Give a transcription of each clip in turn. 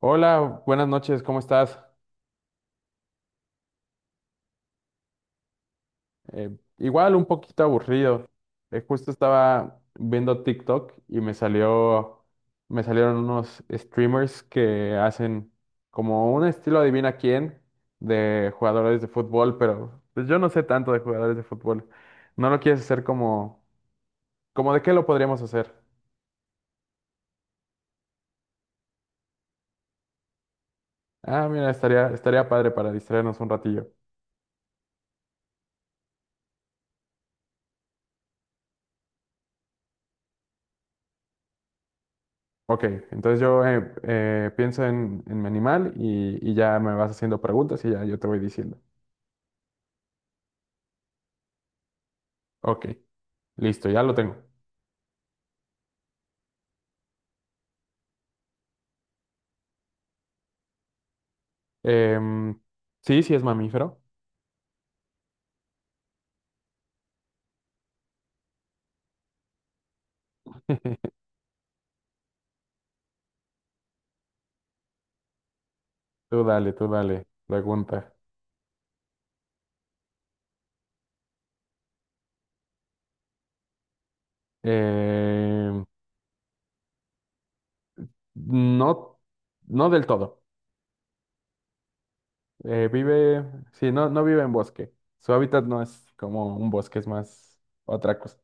Hola, buenas noches, ¿cómo estás? Eh, Igual un poquito aburrido. Justo estaba viendo TikTok y me salió, me salieron unos streamers que hacen como un estilo adivina quién de jugadores de fútbol, pero pues, yo no sé tanto de jugadores de fútbol. ¿No lo quieres hacer como, como de qué lo podríamos hacer? Ah, mira, estaría padre para distraernos un ratillo. Ok, entonces yo pienso en mi animal y ya me vas haciendo preguntas y ya yo te voy diciendo. Ok, listo, ya lo tengo. Em, sí, sí es mamífero. Tú dale, pregunta. Em, no, no del todo. Eh, vive, sí, no, no vive en bosque. Su hábitat no es como un bosque, es más otra cosa.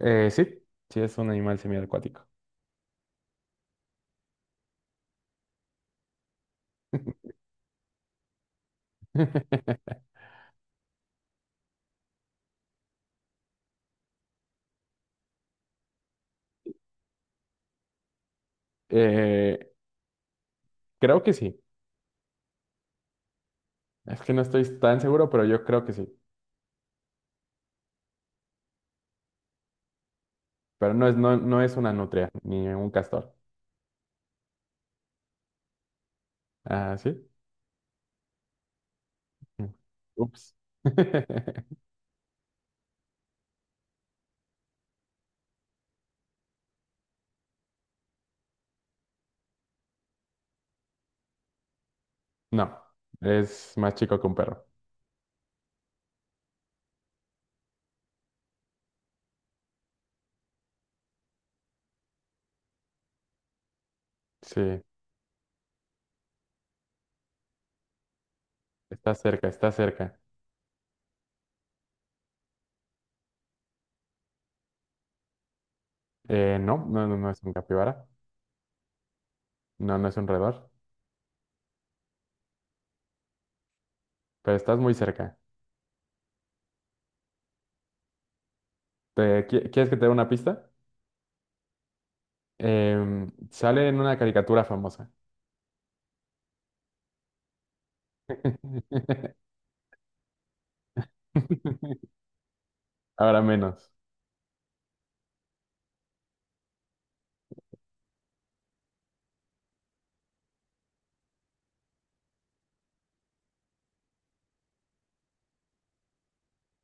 Sí, sí es un animal semiacuático. Eh, Creo que sí. Es que no estoy tan seguro, pero yo creo que sí. Pero no es, no, no es una nutria ni un castor. Ah, ¿sí? Mm. Ups. No, es más chico que un perro. Sí, está cerca, está cerca. No, no, no es un capibara. No, no es un roedor. Pero estás muy cerca. ¿ Quieres que te dé una pista? Sale en una caricatura famosa. Ahora menos.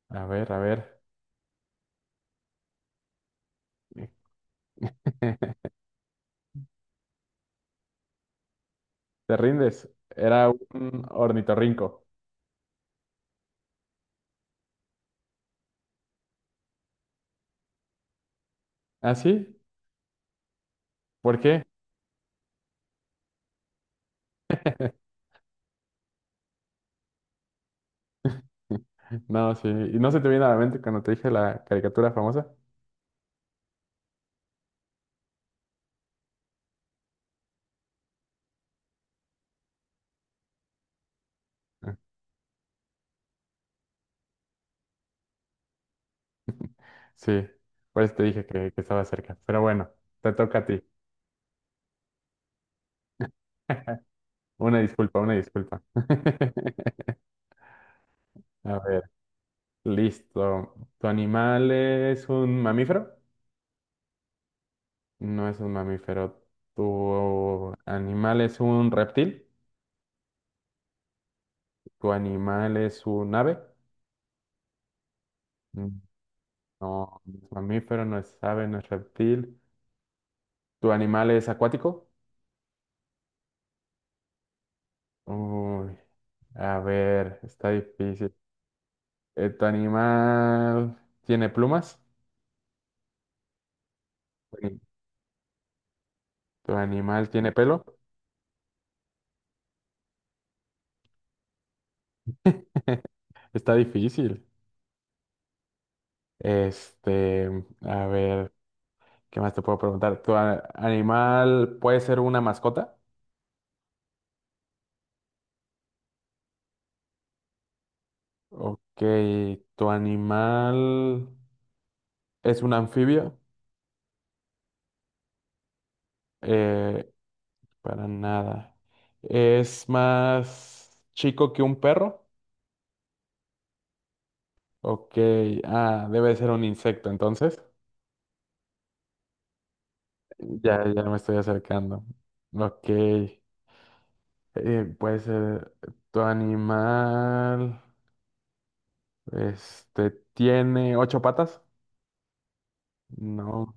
A ver, a ver. ¿Te rindes? Era un ornitorrinco. ¿Ah, sí? ¿Por qué? No, sí. ¿Y no se te viene a la mente cuando te dije la caricatura famosa? Sí, por eso te dije que estaba cerca. Pero bueno, te toca a ti. Una disculpa, una disculpa. A ver, listo. ¿Tu animal es un mamífero? No es un mamífero. ¿Tu animal es un reptil? ¿Tu animal es un ave? Mm, no, no es mamífero, no es ave, no es reptil. ¿Tu animal es acuático? Uy, a ver, está difícil. ¿Tu animal tiene plumas? Sí. ¿Tu animal tiene pelo? Está difícil. Este, a ver, ¿qué más te puedo preguntar? ¿ Animal puede ser una mascota? Ok, ¿tu animal es un anfibio? Eh, para nada. ¿Es más chico que un perro? Ok, ah, debe ser un insecto entonces. Ya, ya me estoy acercando. Ok. Puede ser, ¿tu animal, este, tiene ocho patas? No.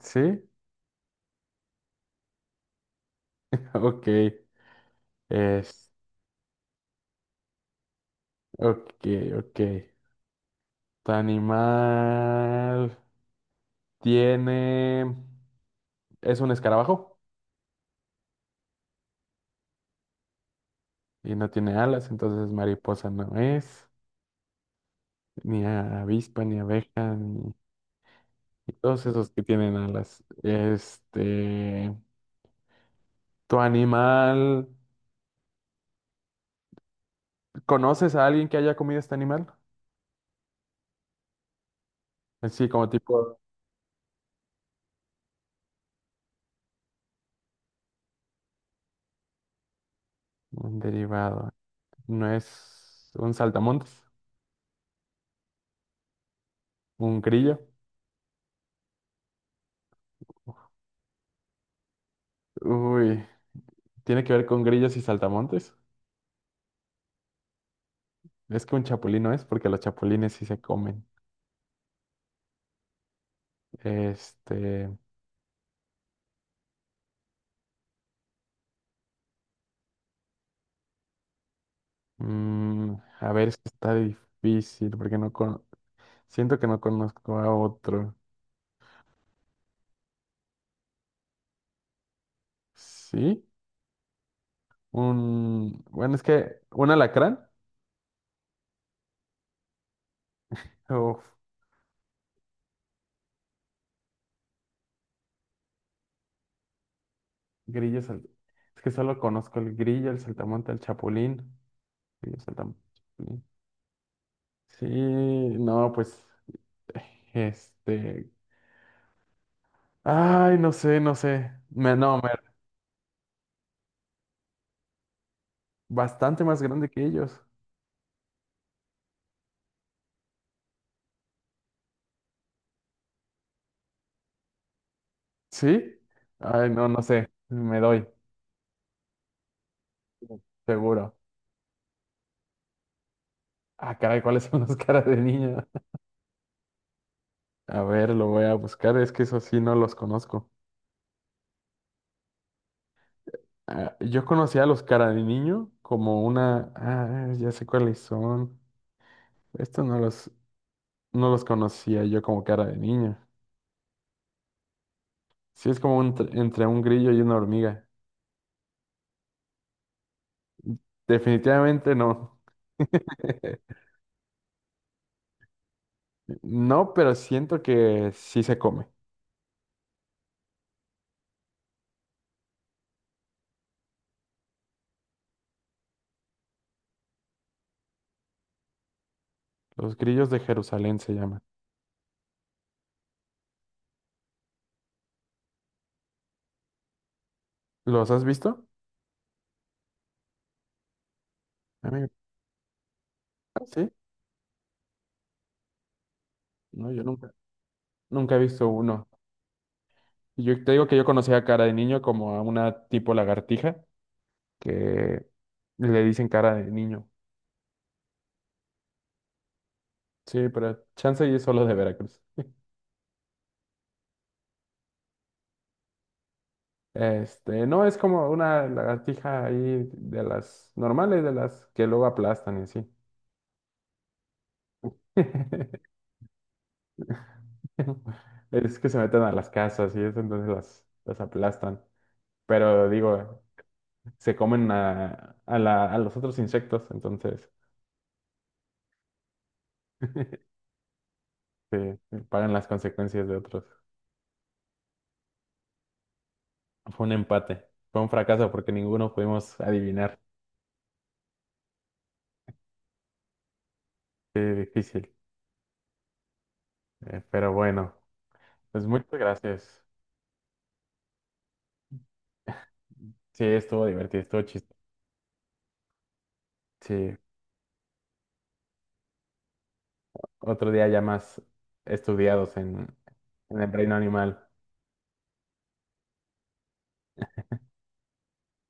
¿Sí? Ok. Es, ok, ok. ¿Tu animal tiene, es un escarabajo? Y no tiene alas, entonces mariposa no es, ni avispa, ni abeja, ni y todos esos que tienen alas. Este, ¿tu animal... ¿Conoces a alguien que haya comido este animal? Sí como tipo un derivado. No es un saltamontes, un grillo. Uy, tiene que ver con grillos y saltamontes. Es que un chapulín no es porque los chapulines sí se comen. Este, mm, a ver, es que está difícil porque no con... siento que no conozco a otro. ¿Sí? Un, bueno, es que un alacrán. Uf, grillo, sal- es que solo conozco el grillo, el saltamonte, el chapulín. Sí, o sea, sí, no, pues, este, ay, no sé, no sé, me, no, me, bastante más grande que ellos, ¿sí? Ay, no, no sé, me doy, seguro. Ah, caray, ¿cuáles son las caras de niño? A ver, lo voy a buscar, es que eso sí no los conozco. Ah, yo conocía a los cara de niño como una, ah, ya sé cuáles son, estos no los, no los conocía yo como cara de niño. Sí, es como un entre un grillo y una hormiga. Definitivamente no. No, pero siento que sí se come. Los grillos de Jerusalén se llaman. ¿Los has visto? A ah, sí. No, yo nunca, nunca he visto uno. Y yo te digo que yo conocía a cara de niño como a una tipo lagartija que le dicen cara de niño. Sí, pero chance y es solo de Veracruz. Este, no, es como una lagartija ahí de las normales, de las que luego aplastan y así. Es que se meten a las casas y eso, entonces las aplastan. Pero digo, se comen a los otros insectos, entonces se pagan las consecuencias de otros. Fue un empate, fue un fracaso porque ninguno pudimos adivinar. Qué difícil. Pero bueno, pues muchas gracias. Sí, estuvo divertido, estuvo chistoso. Sí, otro día ya más estudiados en el reino animal.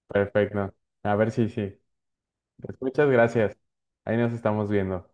Perfecto. A ver si sí. Pues muchas gracias. Ahí nos estamos viendo.